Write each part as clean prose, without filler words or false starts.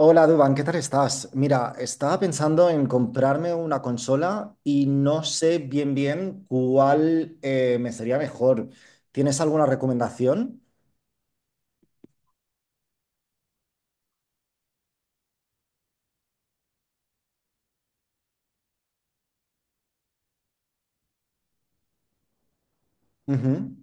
Hola Duban, ¿qué tal estás? Mira, estaba pensando en comprarme una consola y no sé bien bien cuál me sería mejor. ¿Tienes alguna recomendación? Ujú.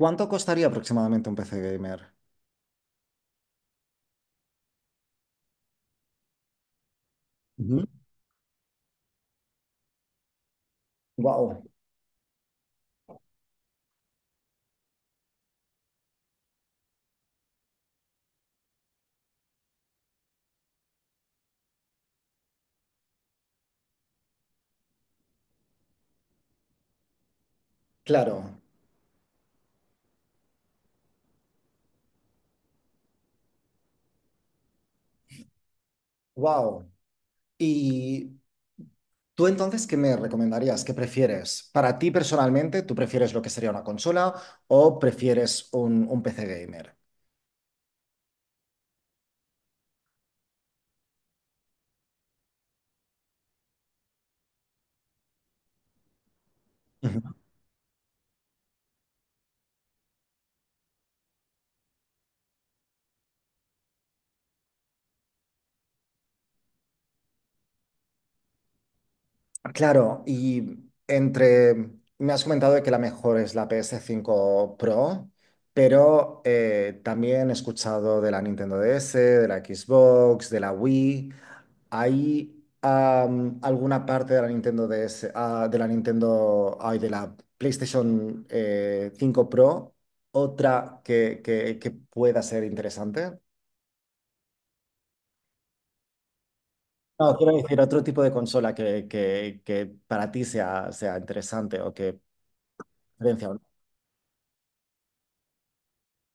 ¿Cuánto costaría aproximadamente un PC gamer? Wow, claro, wow. ¿Y tú entonces qué me recomendarías? ¿Qué prefieres? Para ti personalmente, ¿tú prefieres lo que sería una consola o prefieres un PC gamer? Claro, y me has comentado de que la mejor es la PS5 Pro, pero también he escuchado de la Nintendo DS, de la Xbox, de la Wii. ¿Hay alguna parte de la Nintendo DS, ah, de la Nintendo, ay, de la PlayStation 5 Pro, otra que pueda ser interesante? No, quiero decir, otro tipo de consola que para ti sea interesante o que... diferencia.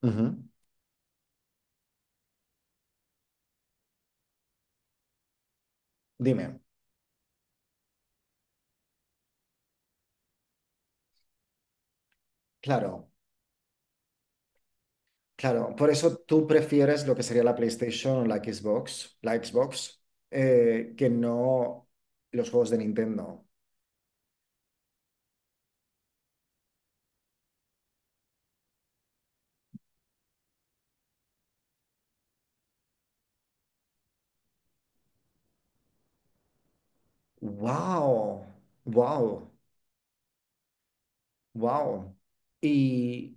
Ujú. Dime, claro, claro. Por eso tú prefieres lo que sería la PlayStation o la Xbox, que no los juegos de Nintendo. Wow, wow, wow. Y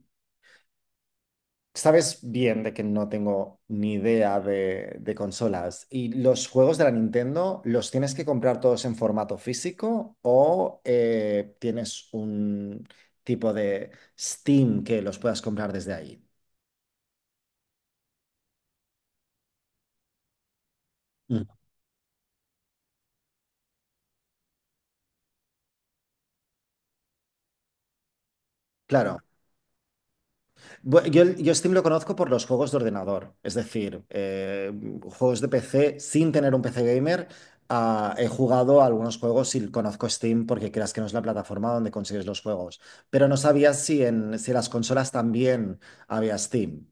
sabes bien de que no tengo ni idea de consolas. ¿Y los juegos de la Nintendo los tienes que comprar todos en formato físico o tienes un tipo de Steam que los puedas comprar desde ahí? Mm, claro. Yo, yo Steam lo conozco por los juegos de ordenador, es decir, juegos de PC sin tener un PC gamer. Ah, he jugado a algunos juegos y conozco Steam porque creas que no es la plataforma donde consigues los juegos, pero no sabía si en las consolas también había Steam.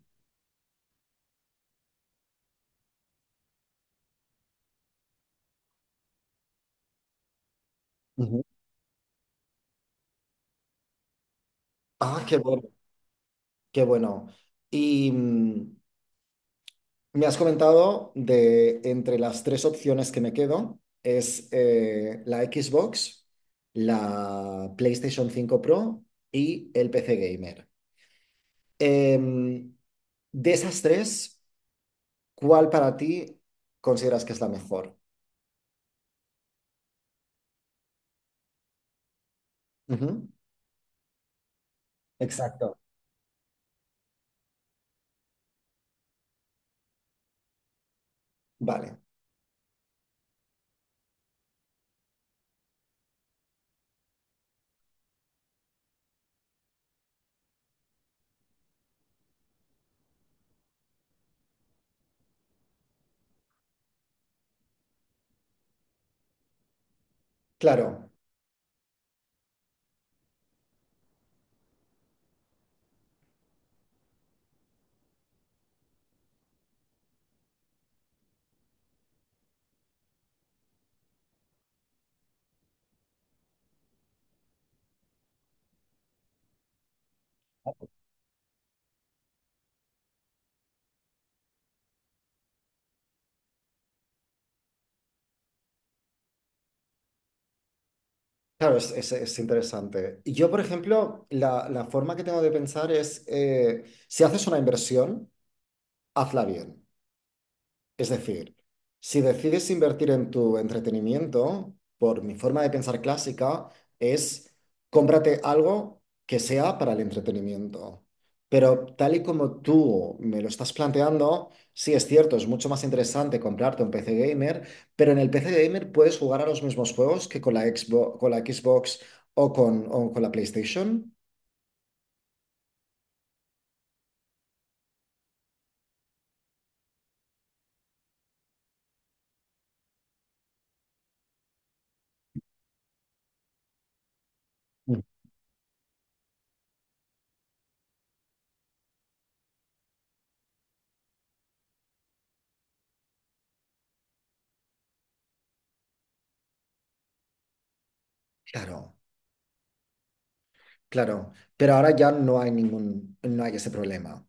Ujú. Ah, qué bueno, qué bueno. Y, me has comentado de entre las tres opciones que me quedo, es la Xbox, la PlayStation 5 Pro y el PC Gamer. Em, de esas tres, ¿cuál para ti consideras que es la mejor? Ujú. Exacto. Vale, claro, claro, es interesante. Y yo, por ejemplo, la forma que tengo de pensar es, si haces una inversión, hazla bien. Es decir, si decides invertir en tu entretenimiento, por mi forma de pensar clásica, es cómprate algo que sea para el entretenimiento. Pero tal y como tú me lo estás planteando, sí es cierto, es mucho más interesante comprarte un PC gamer, pero en el PC gamer puedes jugar a los mismos juegos que con la Xbox, o con la PlayStation. Mm. Claro, claro. Pero ahora ya no hay ningún, no hay ese problema.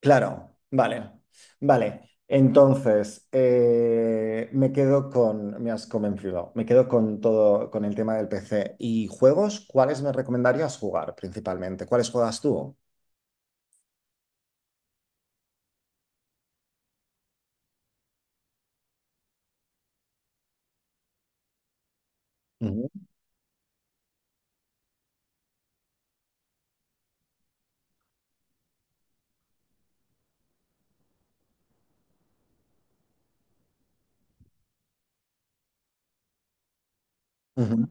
Claro, vale, vale. Entonces, me quedo me has convencido, me quedo con todo, con el tema del PC. ¿Y juegos? ¿Cuáles me recomendarías jugar principalmente? ¿Cuáles juegas tú? Ujú, ujú.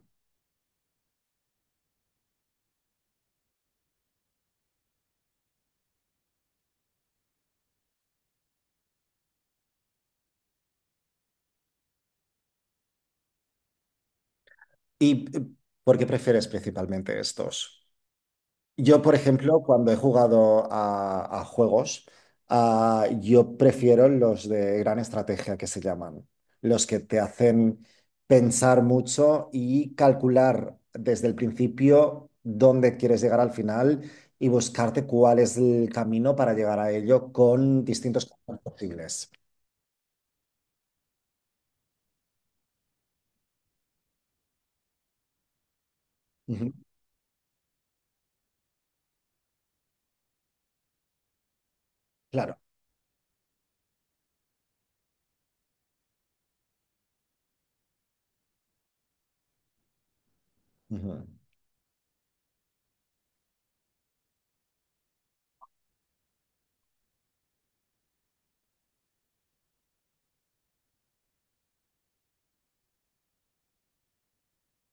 ¿Y por qué prefieres principalmente estos? Yo, por ejemplo, cuando he jugado a juegos, ah, yo prefiero los de gran estrategia que se llaman, los que te hacen pensar mucho y calcular desde el principio dónde quieres llegar al final y buscarte cuál es el camino para llegar a ello con distintos caminos posibles. Ujú, claro. Ujú,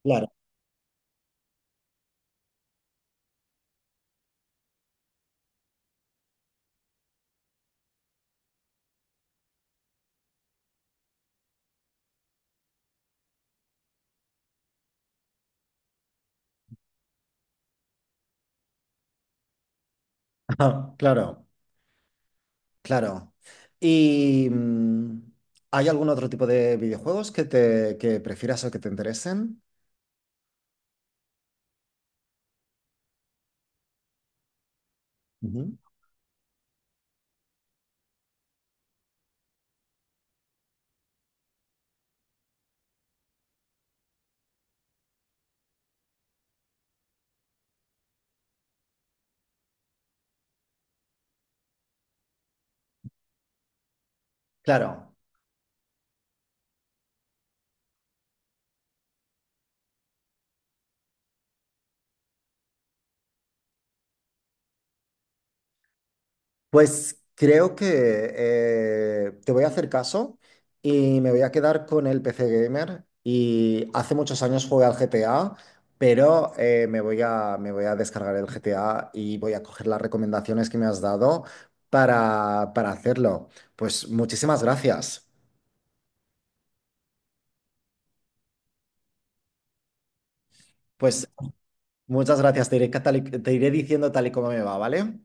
claro. Claro. Claro. ¿Y hay algún otro tipo de videojuegos que prefieras o que te interesen? Ujú. Claro. Pues creo que te voy a hacer caso y me voy a quedar con el PC Gamer. Y hace muchos años jugué al GTA, pero me voy a descargar el GTA y voy a coger las recomendaciones que me has dado para hacerlo. Pues muchísimas gracias. Pues muchas gracias, te iré diciendo tal y como me va, ¿vale?